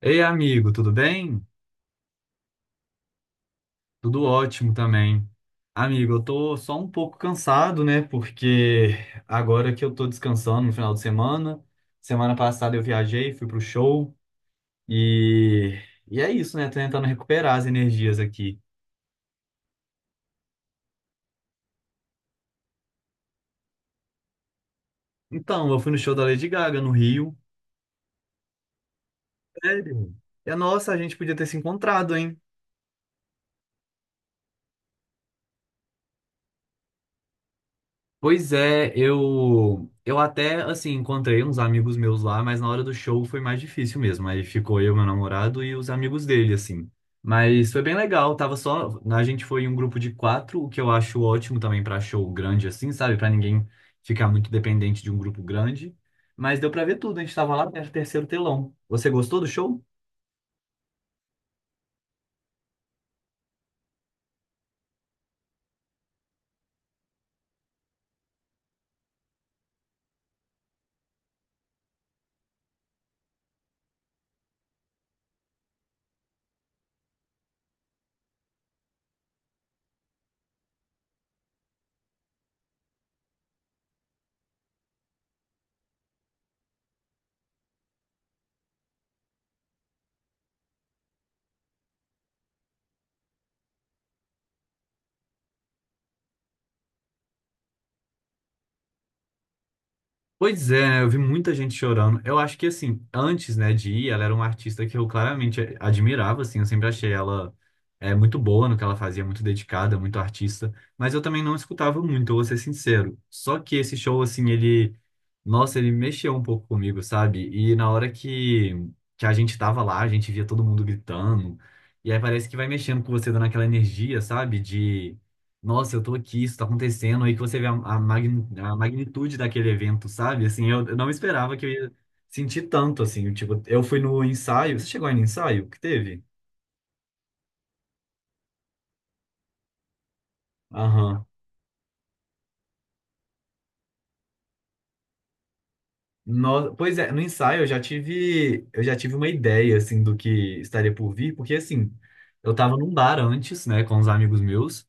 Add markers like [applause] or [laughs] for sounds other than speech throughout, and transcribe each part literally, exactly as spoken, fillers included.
Ei, amigo, tudo bem? Tudo ótimo também. Amigo, eu tô só um pouco cansado, né? Porque agora que eu tô descansando no final de semana, semana passada eu viajei, fui pro show e, e é isso, né? Tô tentando recuperar as energias aqui. Então, eu fui no show da Lady Gaga no Rio. Sério? E nossa, a gente podia ter se encontrado, hein? Pois é, eu eu até assim encontrei uns amigos meus lá, mas na hora do show foi mais difícil mesmo. Aí ficou eu, meu namorado e os amigos dele assim. Mas foi bem legal, tava só a gente foi em um grupo de quatro, o que eu acho ótimo também pra show grande assim, sabe? Pra ninguém ficar muito dependente de um grupo grande. Mas deu pra ver tudo, a gente tava lá no terceiro telão. Você gostou do show? Pois é, eu vi muita gente chorando. Eu acho que, assim, antes, né, de ir, ela era uma artista que eu claramente admirava, assim, eu sempre achei ela é, muito boa no que ela fazia, muito dedicada, muito artista, mas eu também não escutava muito, eu vou ser sincero. Só que esse show, assim, ele, nossa, ele mexeu um pouco comigo, sabe? E na hora que, que a gente tava lá, a gente via todo mundo gritando, e aí parece que vai mexendo com você, dando aquela energia, sabe? Nossa, eu tô aqui, isso tá acontecendo, aí que você vê a, a, magni- a magnitude daquele evento, sabe? Assim, eu, eu não esperava que eu ia sentir tanto, assim, tipo, eu fui no ensaio, você chegou aí no ensaio que teve? Aham. No- pois é, no ensaio eu já tive, eu já tive uma ideia, assim, do que estaria por vir, porque, assim, eu tava num bar antes, né, com os amigos meus.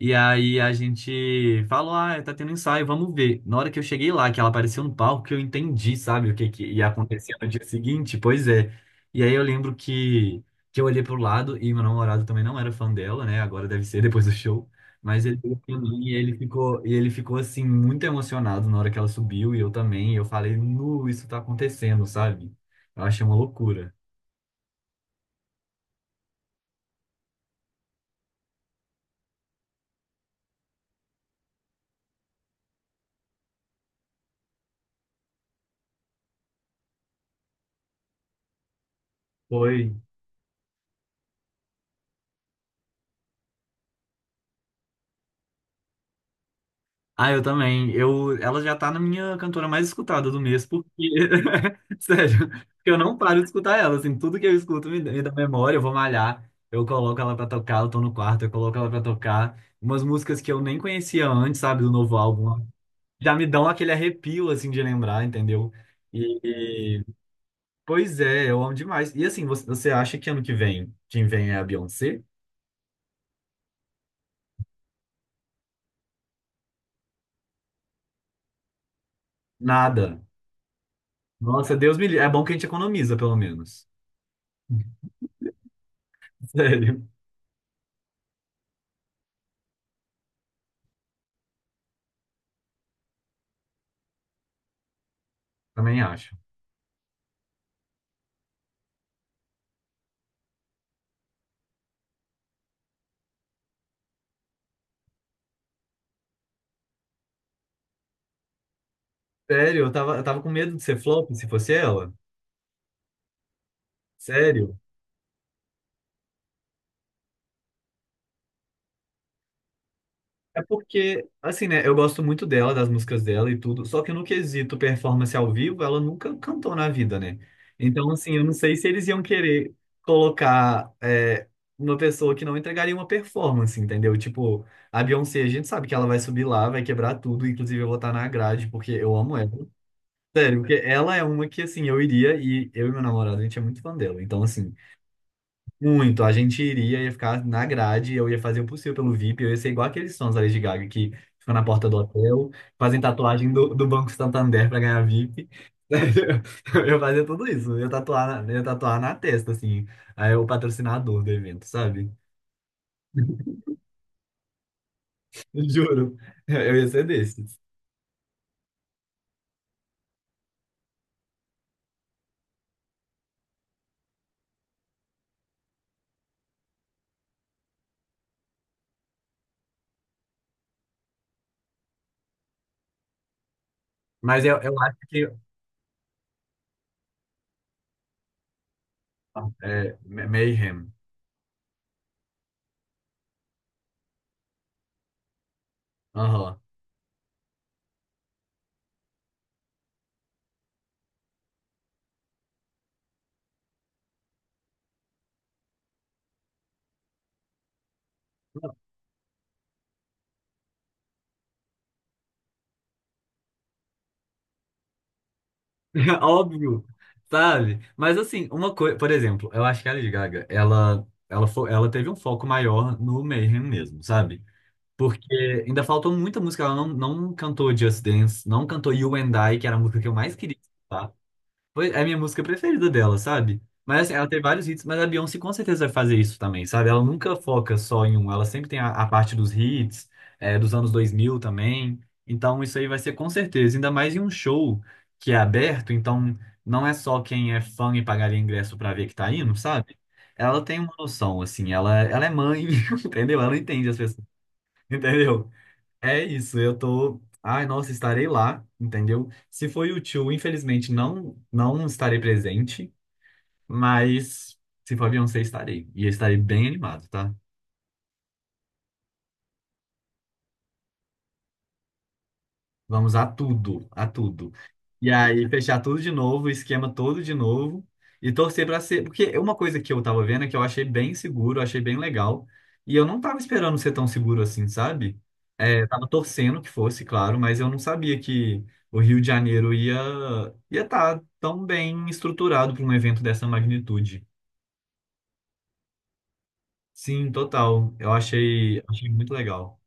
E aí a gente falou, ah, tá tendo ensaio, vamos ver. Na hora que eu cheguei lá, que ela apareceu no palco, que eu entendi, sabe, o que que ia acontecer no dia seguinte, pois é. E aí eu lembro que, que eu olhei pro lado e meu namorado também não era fã dela, né? Agora deve ser depois do show. Mas ele olhou pra mim e ele ficou, e ele ficou assim, muito emocionado na hora que ela subiu, e eu também. E eu falei, nu, isso tá acontecendo, sabe? Eu achei uma loucura. Foi. Ah, eu também. Eu, ela já tá na minha cantora mais escutada do mês, porque, [laughs] sério, porque eu não paro de escutar ela, assim, tudo que eu escuto me, me dá memória, eu vou malhar, eu coloco ela pra tocar, eu tô no quarto, eu coloco ela pra tocar, umas músicas que eu nem conhecia antes, sabe, do novo álbum, já me dão aquele arrepio, assim, de lembrar, entendeu? E, e- Pois é, eu amo demais. E assim, você, você acha que ano que vem, quem vem é a Beyoncé? Nada. Nossa, Deus me livre. É bom que a gente economiza, pelo menos. [laughs] Sério, também acho. Sério, eu tava, eu tava com medo de ser flop se fosse ela. Sério. É porque, assim, né, eu gosto muito dela, das músicas dela e tudo, só que no quesito performance ao vivo, ela nunca cantou na vida, né? Então, assim, eu não sei se eles iam querer colocar é, uma pessoa que não entregaria uma performance, entendeu? Tipo, a Beyoncé, a gente sabe que ela vai subir lá, vai quebrar tudo, inclusive eu vou estar na grade, porque eu amo ela. Sério, porque ela é uma que, assim, eu iria e eu e meu namorado, a gente é muito fã dela. Então, assim. Muito, a gente iria, ia ficar na grade, eu ia fazer o possível pelo V I P, eu ia ser igual aqueles sons da Lady Gaga que ficam na porta do hotel, fazem tatuagem do, do Banco Santander para ganhar V I P. [laughs] Eu ia fazer tudo isso, eu ia tatuar, na- eu ia tatuar na testa, assim, aí o patrocinador do evento, sabe? [laughs] Juro, eu ia ser desses. Mas eu, eu acho que é, Mayhem. Aham. [laughs] Óbvio, sabe? Mas assim, uma coisa, por exemplo, eu acho que a Lady Gaga, ela, ela, fo- ela teve um foco maior no Mayhem mesmo, sabe? Porque ainda faltou muita música, ela não, não cantou Just Dance, não cantou You and I, que era a música que eu mais queria escutar. Foi é a minha música preferida dela, sabe? Mas assim, ela tem vários hits, mas a Beyoncé com certeza vai fazer isso também, sabe? Ela nunca foca só em um, ela sempre tem a, a parte dos hits, é, dos anos dois mil também. Então isso aí vai ser com certeza, ainda mais em um show que é aberto, então não é só quem é fã e pagaria ingresso pra ver que tá indo, sabe? Ela tem uma noção, assim, ela, ela é mãe, [laughs] entendeu? Ela entende as pessoas, entendeu? É isso, eu tô. Ai, nossa, estarei lá, entendeu? Se for o tio, infelizmente não não estarei presente, mas se for Beyoncé, estarei. E eu estarei bem animado, tá? Vamos a tudo, a tudo. E aí, fechar tudo de novo, o esquema todo de novo, e torcer para ser. Porque uma coisa que eu tava vendo é que eu achei bem seguro, achei bem legal, e eu não tava esperando ser tão seguro assim, sabe? É, eu tava torcendo que fosse, claro, mas eu não sabia que o Rio de Janeiro ia ia estar tão bem estruturado para um evento dessa magnitude. Sim, total. Eu achei, achei muito legal.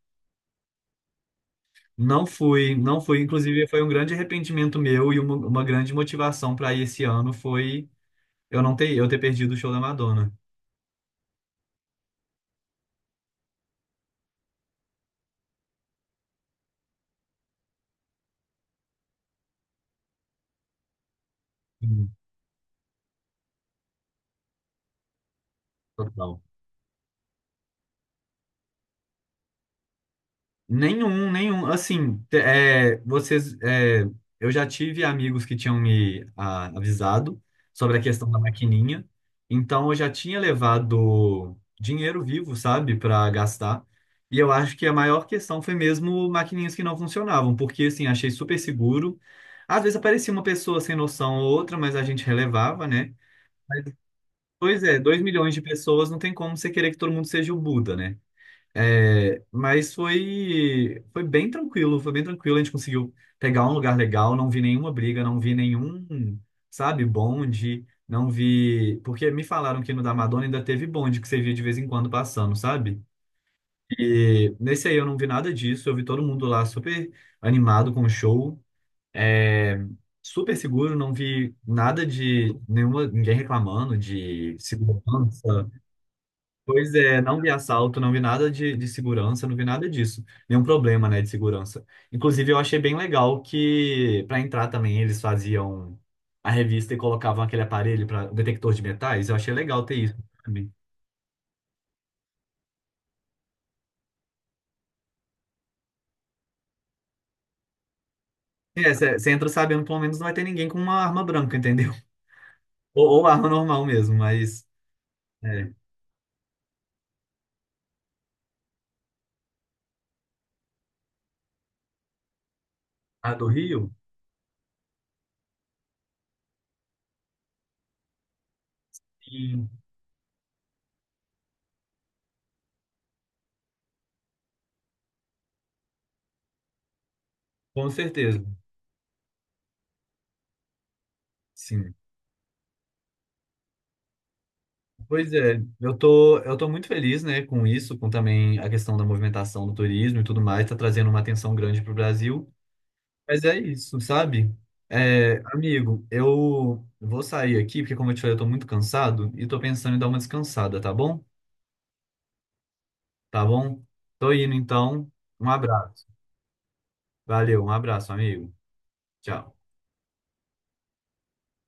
Não fui, não fui. Inclusive, foi um grande arrependimento meu e uma, uma grande motivação para ir esse ano foi eu não ter, eu ter perdido o show da Madonna. Hum. Total. Nenhum, nenhum. Assim, te- é, vocês, é, eu já tive amigos que tinham me ah, avisado sobre a questão da maquininha, então eu já tinha levado dinheiro vivo, sabe, para gastar. E eu acho que a maior questão foi mesmo maquininhas que não funcionavam, porque assim, achei super seguro. Às vezes aparecia uma pessoa sem noção ou outra, mas a gente relevava, né? Pois é, dois milhões de pessoas não tem como você querer que todo mundo seja o Buda, né? É, mas foi, foi bem tranquilo, foi bem tranquilo. A gente conseguiu pegar um lugar legal, não vi nenhuma briga, não vi nenhum, sabe, bonde, não vi. Porque me falaram que no da Madonna ainda teve bonde que você via de vez em quando passando, sabe? E nesse aí eu não vi nada disso, eu vi todo mundo lá super animado com o show, é, super seguro, não vi nada de nenhuma, ninguém reclamando de segurança. Pois é, não vi assalto, não vi nada de, de segurança, não vi nada disso. Nenhum problema, né, de segurança. Inclusive, eu achei bem legal que, para entrar também, eles faziam a revista e colocavam aquele aparelho para detector de metais. Eu achei legal ter isso também. É, você entra sabendo, pelo menos não vai ter ninguém com uma arma branca, entendeu? [laughs] Ou, ou arma normal mesmo, mas é, a do Rio, sim, com certeza. Sim. Pois é, eu tô, eu tô muito feliz, né, com isso, com também a questão da movimentação do turismo e tudo mais, tá trazendo uma atenção grande pro Brasil. Mas é isso, sabe? É, amigo, eu vou sair aqui, porque como eu te falei, eu tô muito cansado e tô pensando em dar uma descansada, tá bom? Tá bom? Tô indo então. Um abraço. Valeu, um abraço, amigo. Tchau.